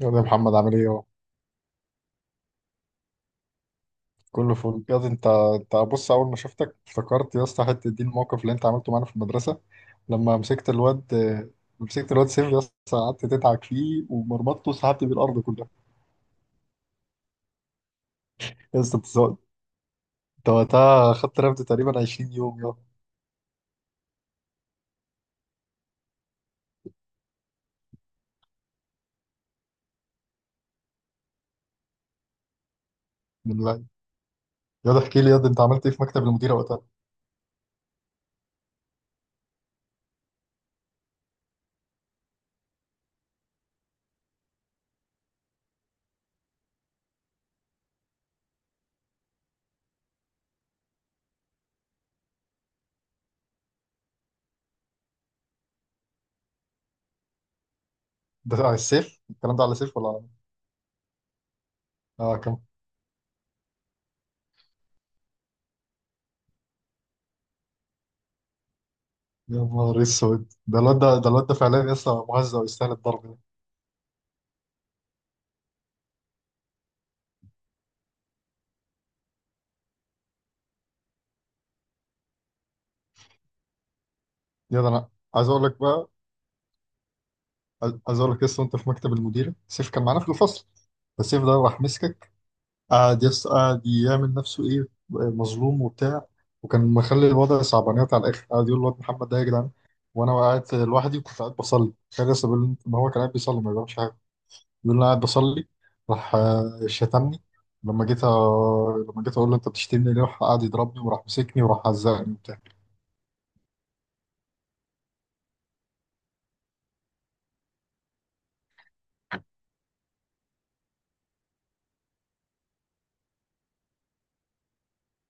يا ده، محمد عامل ايه اهو؟ كله فل يا ده. انت بص، اول ما شفتك افتكرت يا اسطى حته دي الموقف اللي انت عملته معانا في المدرسه لما مسكت الواد سيف. يا اسطى قعدت تدعك فيه ومرمطته وسحبت بيه الارض كلها. يا اسطى انت سو- انت وقتها خدت رفد تقريبا 20 يوم يا. من لا، يا ده احكي لي، يا ده انت عملت ايه في مكتب المديره وقتها؟ ده على السيف الكلام ده على سيف ولا على اه كم؟ يا نهار اسود، ده الواد ده فعلا يا اسطى مهزأ ويستاهل الضرب ده. يا ده انا عايز اقول لك بقى، عايز اقول لك لسه وانت في مكتب المديره سيف كان معانا في الفصل، فالسيف ده راح مسكك. قعد يعمل نفسه ايه، مظلوم وبتاع، وكان مخلي الوضع صعبانيات على الاخر. قعد يقول الواد محمد ده يا جدعان وانا قاعد لوحدي وكنت قاعد بصلي. كان لسه بيقول ما هو كان قاعد بيصلي ما بيعملش حاجه، بيقول انا قاعد بصلي. راح شتمني. لما جيت اقول له انت بتشتمني ليه راح قعد يضربني، وراح مسكني وراح عزقني وبتاع.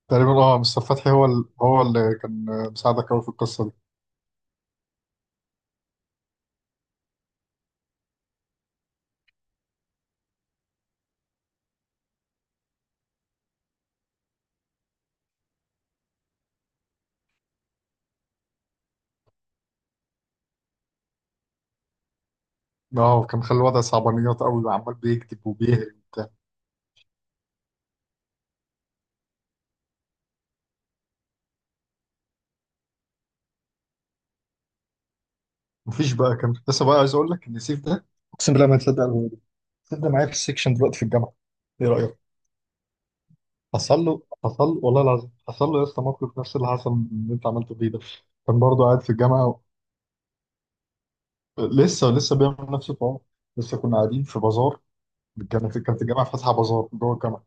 تقريبا مستر فتحي هو هو اللي كان مساعدك قوي في القصه دي. اه كان مخلي الوضع صعبانيات قوي وعمال بيكتب وبيهري وبتاع. مفيش بقى، كان لسه بقى عايز اقول لك ان سيف ده، اقسم بالله ما تصدق الولد ده. سيف ده معايا في السكشن دلوقتي في الجامعه، ايه رايك؟ حصل له، حصل له والله العظيم، حصل له يا اسطى موقف نفس اللي حصل من اللي انت عملته فيه ده. كان برضه قاعد في الجامعه، لسه بيعمل نفس الحوار. لسه كنا قاعدين في بازار، كانت الجامعه فاتحه بازار جوه الجامعه.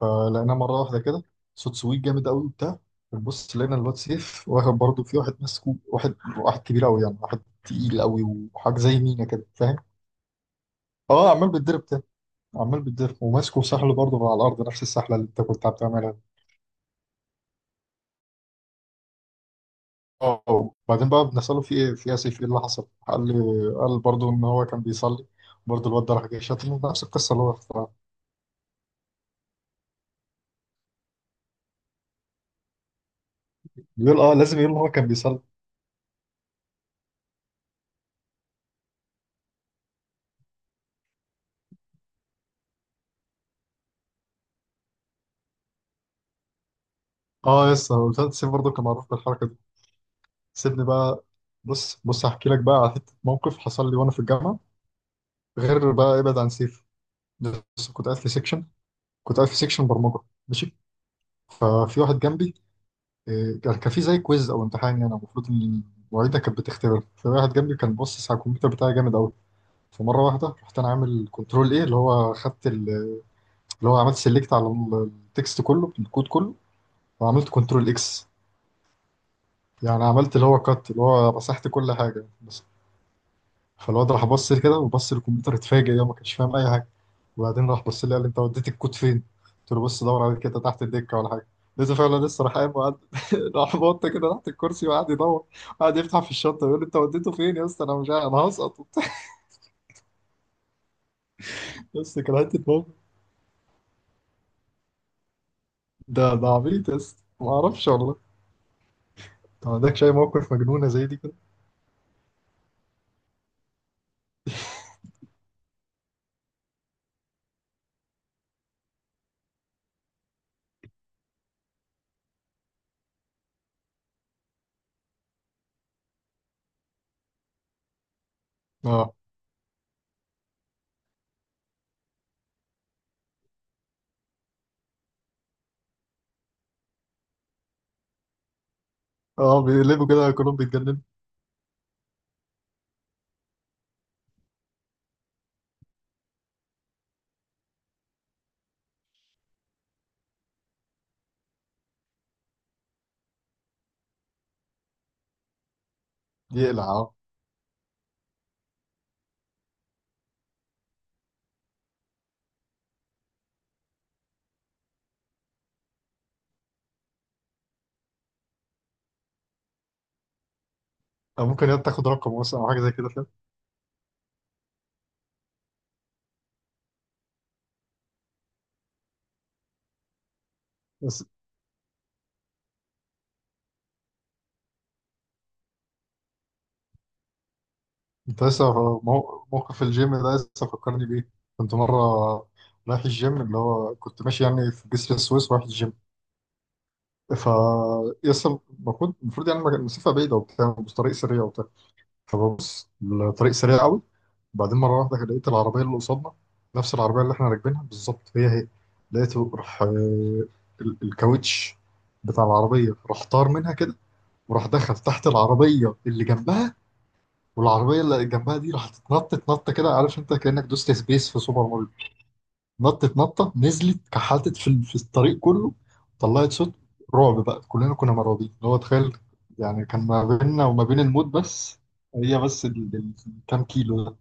فلقيناه مرة واحدة كده صوت سويت جامد قوي وبتاع، بنبص لقينا الواد سيف واخد برضه في واحد، ماسكه واحد كبير قوي يعني، واحد تقيل قوي وحاجة زي مينا كده، فاهم؟ اه، عمال بيتضرب تاني، عمال بيتضرب وماسكه وسحله برضه من على الأرض، نفس السحلة اللي أنت كنت بتعملها. اه، وبعدين بقى بنسأله في إيه في إيه يا سيف، إيه اللي حصل؟ قال لي، قال برضه إن هو كان بيصلي. برضه الواد ده راح جاي شاتمه نفس القصة اللي هو اختارها. بيقول لازم يقول إن هو كان بيصلي. اه يس، هو سيف برضه كان معروف بالحركة. سيبني بقى، بص بص هحكي لك بقى على حته موقف حصل لي وانا في الجامعه، غير بقى ابعد عن سيف. بس كنت قاعد في سيكشن برمجه. ماشي، ففي واحد جنبي كان في زي كويز او امتحان، يعني المفروض ان المعيده كانت بتختبر. فواحد جنبي كان باصص على الكمبيوتر بتاعي جامد قوي. فمره واحده رحت انا عامل كنترول ايه، اللي هو عملت سيلكت على التكست كله، الكود كله، وعملت كنترول اكس، يعني عملت اللي هو كات، اللي هو مسحت كل حاجه بس. فالواد راح بص لي كده وبص للكمبيوتر اتفاجئ، يا ما كانش فاهم اي حاجه. وبعدين راح بص لي قال لي انت وديت الكود فين؟ قلت له بص دور عليه كده تحت الدكه ولا حاجه. لقيته فعلا لسه راح قايم وقعد راح بط كده تحت الكرسي وقعد يدور، وقعد يفتح في الشنطه يقول لي انت وديته فين يا اسطى، انا مش عارف انا هسقط وبتاع. يا اسطى كان حته موقف. ده عبيط يا اسطى، ما اعرفش والله. انت ما عندكش اي موقف مجنونه زي دي كده؟ اه، اه، بيقلبوا كده كلهم، بيتجننوا. يقلع، او ممكن تاخد رقم مثلا او حاجه زي كده، فاهم؟ بس انت لسه، موقف الجيم ده لسه فكرني بيه. كنت مره رايح الجيم، اللي هو كنت ماشي يعني في جسر السويس رايح الجيم. ف يسطا، المفروض، يعني المسافه بعيده وبتاع، بس طريق سريع وبتاع. فببص الطريق سريع قوي. بعدين مره واحده لقيت العربيه اللي قصادنا نفس العربيه اللي احنا راكبينها بالظبط، هي هي. لقيته راح الكاوتش بتاع العربيه راح طار منها كده، وراح دخل تحت العربيه اللي جنبها. والعربيه اللي جنبها دي راحت اتنطت نطه كده، عارف انت كانك دوست سبيس في سوبر ماريو. نطت نطه نزلت كحلتت في في الطريق كله. طلعت صوت رعب بقى، كلنا كنا مرعوبين، اللي هو تخيل، يعني كان ما بيننا وما بين الموت بس هي، بس كام كيلو ده.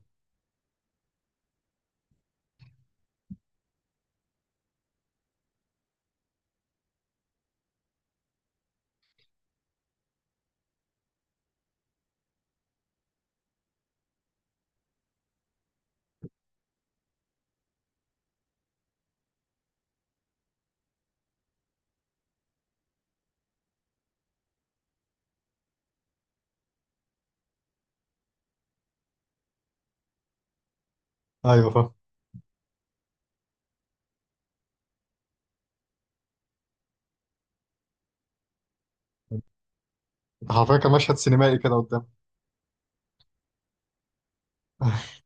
ايوه، فاهم. حرفيا كان مشهد سينمائي كده قدام.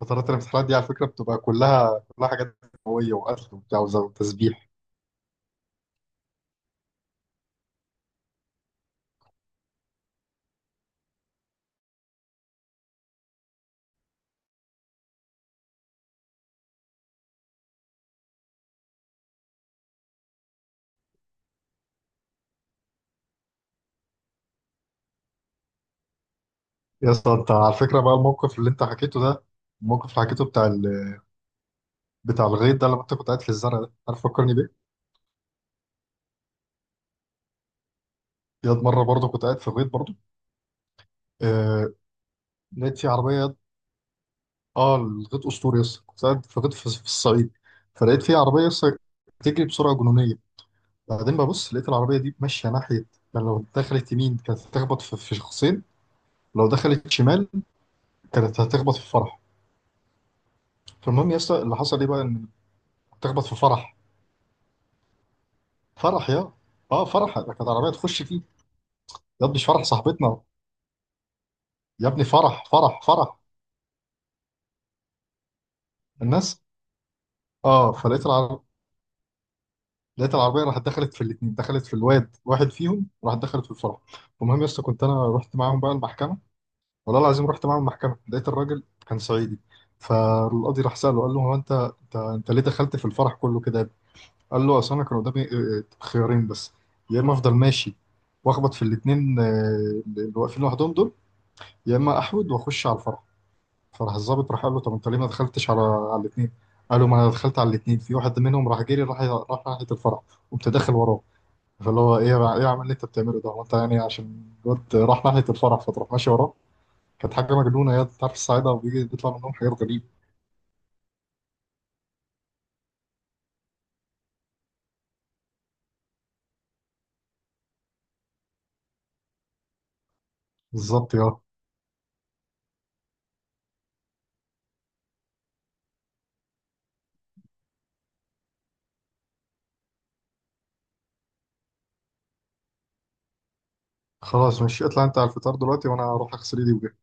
فترات الامتحانات دي على فكره بتبقى كلها، كلها حاجات قويه وقتل وبتاع وتسبيح. يا اسطى انت على فكره بقى، الموقف اللي حكيته بتاع، الغيط ده لما انت كنت قاعد في الزرع ده، عارف فكرني بيه؟ ياد مرة برضه كنت قاعد في الغيط برضه. آه لقيت في عربية ياد. اه، الغيط أسطوري يس. كنت قاعد في الغيط في، الصعيد. فلقيت في عربية يس، بتجري بسرعة جنونية. بعدين ببص لقيت العربية دي ماشية ناحية، يعني لو دخلت يمين كانت هتخبط في، شخصين. لو دخلت شمال كانت هتخبط في فرح. فالمهم يا اسطى اللي حصل ايه بقى؟ ان هتخبط في فرح. فرح يا، اه فرح ده كانت عربية تخش فيه. يا ابني مش فرح صاحبتنا. يا ابني فرح، فرح، فرح، الناس. اه فلقيت العربية لقيت العربيه راحت دخلت في الاثنين، دخلت في الواد واحد فيهم، راحت دخلت في الفرع. المهم يا اسطى كنت انا رحت معاهم بقى المحكمه. والله العظيم رحت معاهم المحكمه، لقيت الراجل كان صعيدي. فالقاضي راح ساله، قال له هو انت، انت ليه دخلت في الفرح كله كده يا ابني؟ قال له اصل انا كان قدامي خيارين بس، يا اما افضل ماشي واخبط في الاثنين اللي واقفين لوحدهم دول، يا اما احود واخش على الفرح. فراح الضابط راح قال له طب انت ليه ما دخلتش على الاثنين؟ قال له ما انا دخلت على الاثنين، في واحد منهم راح جري، راح ناحيه الفرح، وقمت داخل وراه. فاللي هو ايه، ايه يا عم اللي انت بتعمله ده؟ هو انت يعني عشان الواد راح ناحيه الفرح فتروح ماشي وراه؟ كانت حاجه مجنونه يا، انت عارف الصعايده بيجي بيطلع منهم حاجات غريبه. بالظبط يا، خلاص مش اطلع انت على الفطار دلوقتي وانا اروح اغسل ايدي وجهي.